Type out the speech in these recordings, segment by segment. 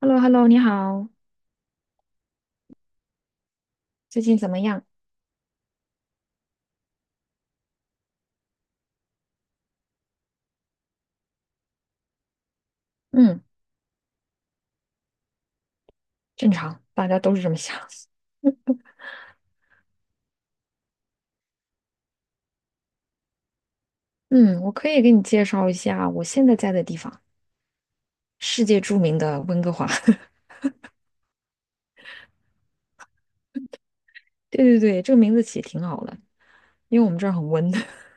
h e l l o h e l l o 你好，最近怎么样？嗯，正常，大家都是这么想。嗯，我可以给你介绍一下我现在在的地方，世界著名的温哥华。对对对，这个名字起挺好的，因为我们这儿很温。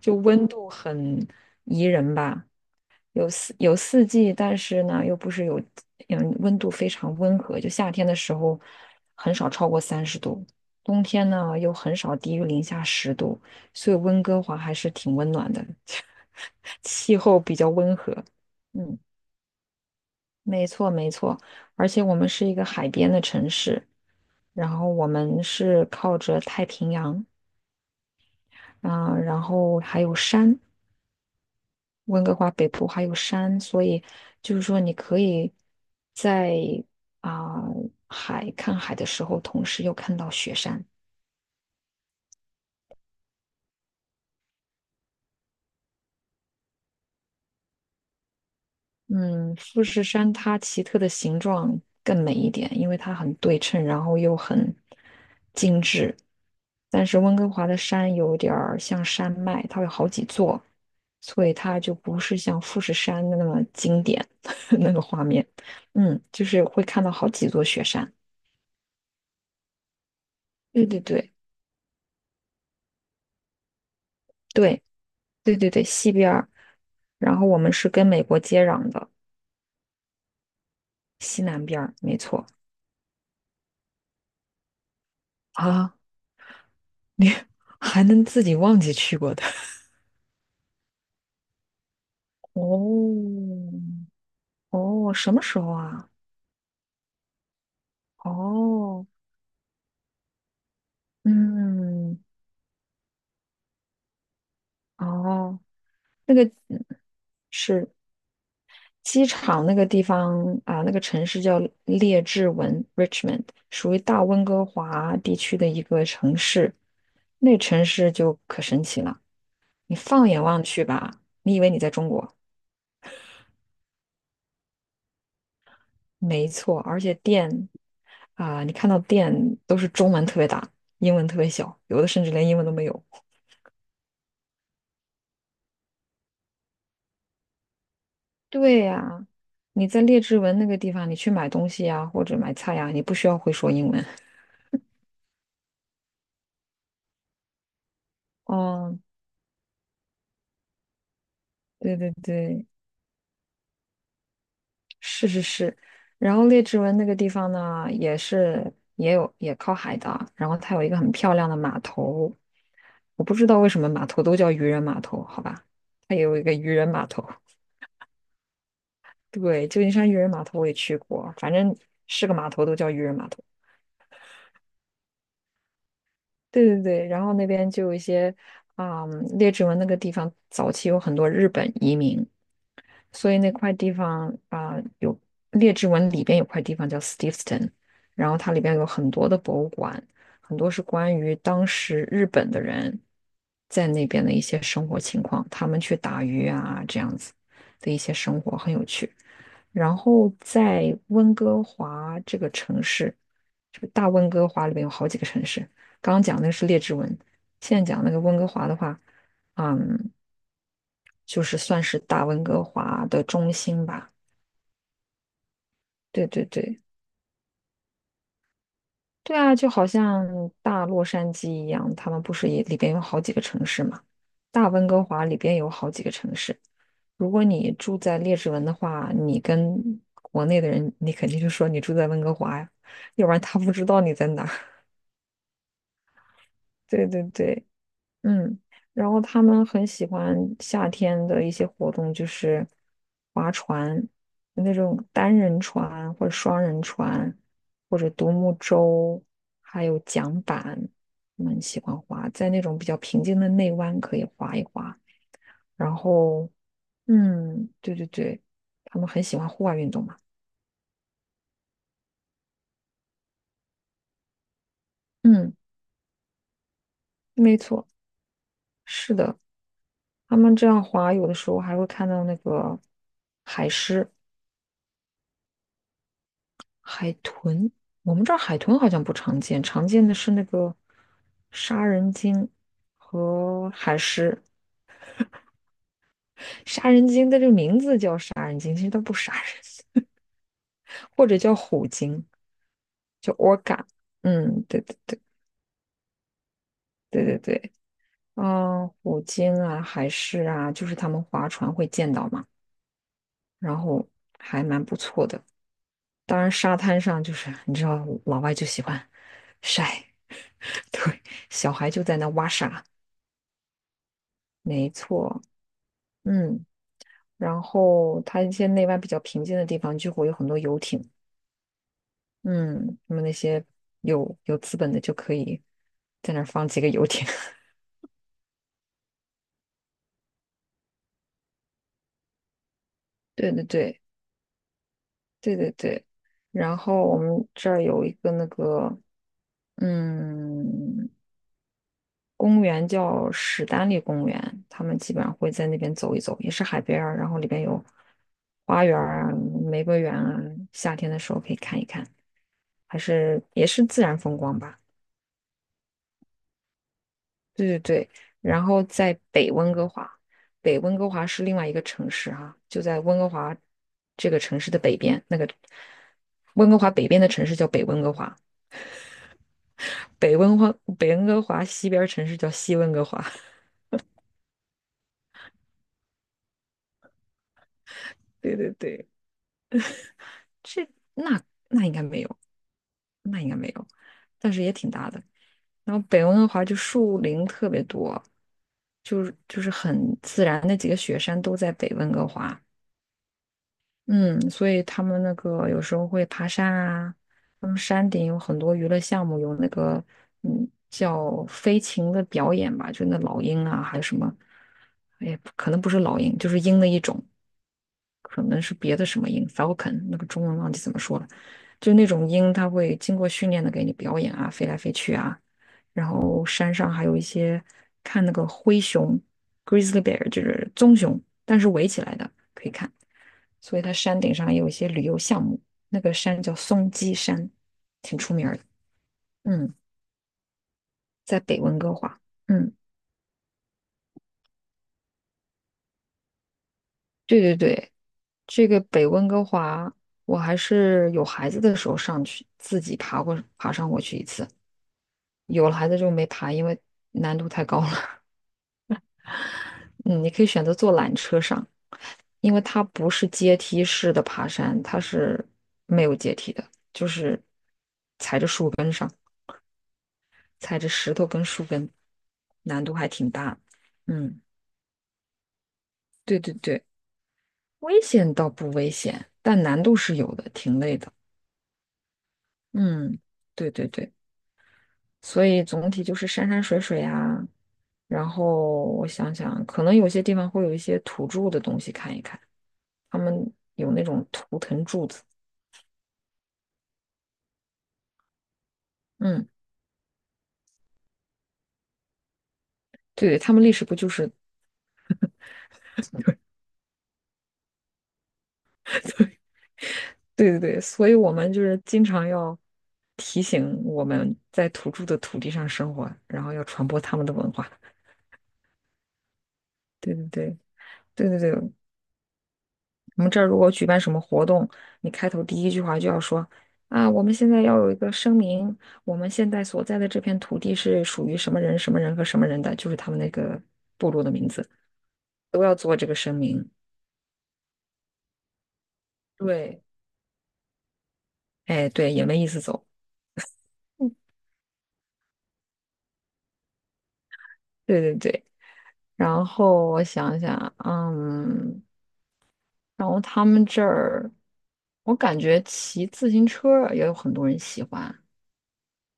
就温度很宜人吧。有四季，但是呢，又不是有，温度非常温和。就夏天的时候，很少超过30度，冬天呢又很少低于零下10度，所以温哥华还是挺温暖的，气候比较温和。嗯，没错没错，而且我们是一个海边的城市，然后我们是靠着太平洋，然后还有山，温哥华北部还有山，所以就是说你可以在啊、看海的时候，同时又看到雪山。嗯，富士山它奇特的形状更美一点，因为它很对称，然后又很精致。但是温哥华的山有点儿像山脉，它有好几座，所以它就不是像富士山的那么经典 那个画面。嗯，就是会看到好几座雪山。对对对对。对对对，西边儿，然后我们是跟美国接壤的西南边儿，没错啊，你 还能自己忘记去过的？哦哦，什么时候啊？哦，嗯，哦，那个嗯是机场那个地方那个城市叫列治文 （Richmond），属于大温哥华地区的一个城市。那城市就可神奇了，你放眼望去吧，你以为你在中国。没错，而且店你看到店都是中文特别大，英文特别小，有的甚至连英文都没有。对呀、你在列治文那个地方，你去买东西呀、或者买菜呀、你不需要会说英文。哦，对对对，是是是。然后列治文那个地方呢，也是也有也靠海的，然后它有一个很漂亮的码头，我不知道为什么码头都叫渔人码头，好吧？它也有一个渔人码头。对，旧金山渔人码头我也去过，反正是个码头都叫渔人码头。对对对，然后那边就有一些列治文那个地方早期有很多日本移民，所以那块地方有列治文里边有块地方叫 Steveston，然后它里边有很多的博物馆，很多是关于当时日本的人在那边的一些生活情况，他们去打鱼啊这样子的一些生活很有趣。然后在温哥华这个城市，这个大温哥华里边有好几个城市，刚刚讲那个是列治文，现在讲那个温哥华的话，嗯。就是算是大温哥华的中心吧。对对对，对啊，就好像大洛杉矶一样，他们不是也里边有好几个城市嘛？大温哥华里边有好几个城市。如果你住在列治文的话，你跟国内的人，你肯定就说你住在温哥华呀，要不然他不知道你在哪儿 对对对，嗯，然后他们很喜欢夏天的一些活动，就是划船，那种单人船或者双人船，或者独木舟，还有桨板，他们喜欢划，在那种比较平静的内湾可以划一划。然后，嗯，对对对，他们很喜欢户外运动嘛。嗯，没错，是的，他们这样划，有的时候还会看到那个海狮。海豚，我们这儿海豚好像不常见，常见的是那个杀人鲸和海狮。杀人鲸的这个名字叫杀人鲸，其实它不杀人，或者叫虎鲸，叫 orca。嗯，对对对对对对，嗯，虎鲸啊，海狮啊，就是他们划船会见到嘛，然后还蛮不错的。当然，沙滩上就是你知道，老外就喜欢晒，对，小孩就在那挖沙，没错。嗯，然后它一些内外比较平静的地方，就会有很多游艇，嗯，那么那些有资本的就可以在那儿放几个游艇，对对对对对对。然后我们这儿有一个那个嗯公园叫史丹利公园，他们基本上会在那边走一走，也是海边儿，然后里边有花园儿啊、玫瑰园啊，夏天的时候可以看一看，还是也是自然风光吧。对对对，然后在北温哥华，北温哥华是另外一个城市哈、就在温哥华这个城市的北边，那个温哥华北边的城市叫北温哥华，北温华北温哥华西边儿城市叫西温哥华。对对对，这那那应该没有，那应该没有，但是也挺大的。然后北温哥华就树林特别多，就是很自然，那几个雪山都在北温哥华。嗯，所以他们那个有时候会爬山啊，他们山顶有很多娱乐项目，有那个叫飞禽的表演吧，就那老鹰啊，还有什么，哎，可能不是老鹰，就是鹰的一种，可能是别的什么鹰，falcon，那个中文忘记怎么说了，就那种鹰，它会经过训练的给你表演啊，飞来飞去啊，然后山上还有一些看那个灰熊，grizzly bear 就是棕熊，但是围起来的可以看。所以它山顶上也有一些旅游项目。那个山叫松鸡山，挺出名儿的。嗯，在北温哥华。嗯，对对对，这个北温哥华，我还是有孩子的时候上去，自己爬上过去一次。有了孩子就没爬，因为难度太高了。嗯，你可以选择坐缆车上，因为它不是阶梯式的爬山，它是没有阶梯的，就是踩着上。踩着石头跟树根，难度还挺大。嗯，对对对，危险倒不危险，但难度是有的，挺累的。嗯，对对对，所以总体就是山山水水啊，然后我想想，可能有些地方会有一些土著的东西看一看，他们有那种图腾柱子。嗯，对对，他们历史不就是，对对对，所以我们就是经常要提醒我们在土著的土地上生活，然后要传播他们的文化。对对对对对对，我们这儿如果举办什么活动，你开头第一句话就要说啊，我们现在要有一个声明，我们现在所在的这片土地是属于什么人、什么人和什么人的，就是他们那个部落的名字，都要做这个声明。对，哎，对，也没意思走。嗯，对对对。然后我想想，嗯，然后他们这儿，我感觉骑自行车也有很多人喜欢。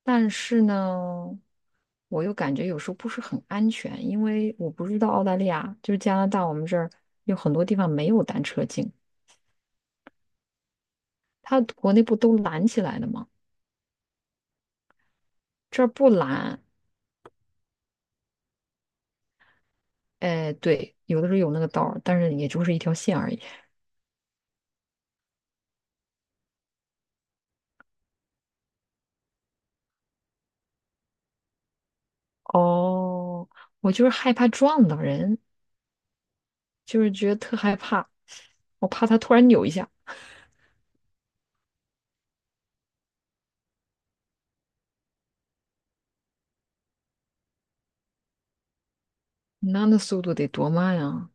但是呢，我又感觉有时候不是很安全，因为我不知道澳大利亚，就是加拿大，我们这儿有很多地方没有单车径，它国内不都拦起来了吗？这儿不拦，哎，对，有的时候有那个道儿，但是也就是一条线而已。哦，我就是害怕撞到人，就是觉得特害怕，我怕他突然扭一下，那速度得多慢啊！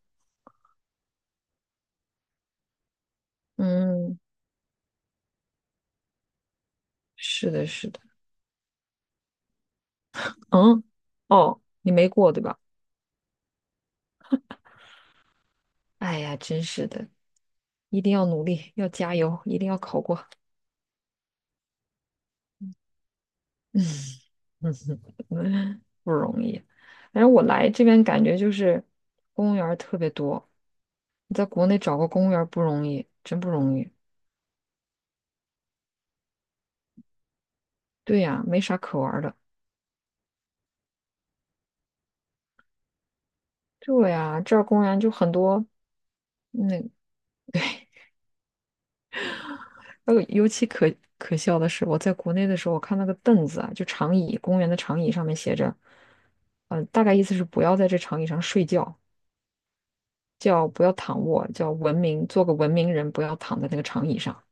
嗯，是的，是的，嗯，哦，你没过对吧？哎呀，真是的，一定要努力，要加油，一定要考过。嗯哼，不容易。反正我来这边感觉就是公务员儿特别多，你在国内找个公务员儿不容易，真不容易。对呀，没啥可玩儿的。对呀，这儿公务员就很多。那 对，呃，尤其可笑的是，我在国内的时候，我看那个凳子啊，就长椅，公园的长椅上面写着，呃，大概意思是不要在这长椅上睡觉，叫不要躺卧，叫文明，做个文明人，不要躺在那个长椅上。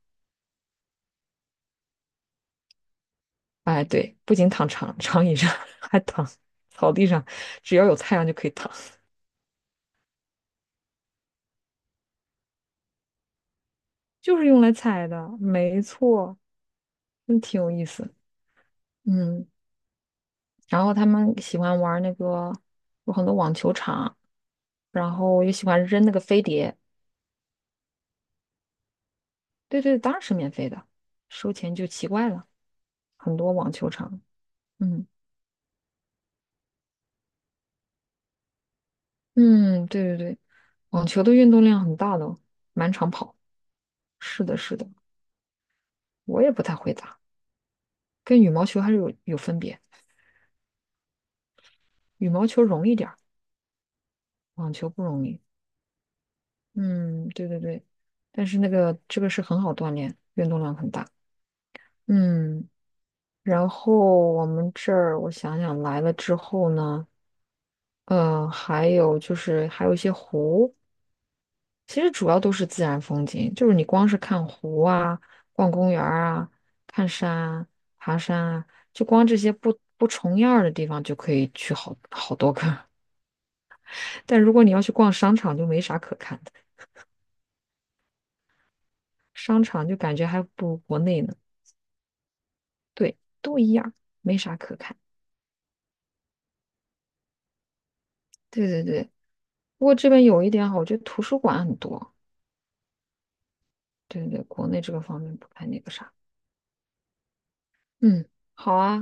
哎，对，不仅躺长椅上，还躺草地上，只要有太阳就可以躺，就是用来踩的，没错，真挺有意思。嗯，然后他们喜欢玩那个，有很多网球场，然后也喜欢扔那个飞碟。对对，当然是免费的，收钱就奇怪了。很多网球场，嗯嗯，对对对，网球的运动量很大的哦满场跑。是的，是的，我也不太会打，跟羽毛球还是有分别，羽毛球容易点儿。网球不容易，嗯，对对对，但是那个这个是很好锻炼，运动量很大，嗯，然后我们这儿我想想来了之后呢，呃，还有就是还有一些湖，其实主要都是自然风景，就是你光是看湖啊、逛公园儿啊、看山啊、爬山啊，就光这些不重样儿的地方就可以去好多个 但如果你要去逛商场，就没啥可看的，商场就感觉还不如国内呢。对，都一样，没啥可看。对对对，不过这边有一点好，我觉得图书馆很多。对对对，国内这个方面不太那个啥。嗯，好啊。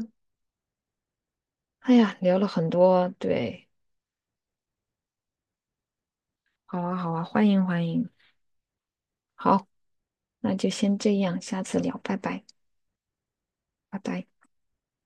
哎呀，聊了很多，对，好啊好啊，欢迎欢迎。好，那就先这样，下次聊，拜拜，拜拜。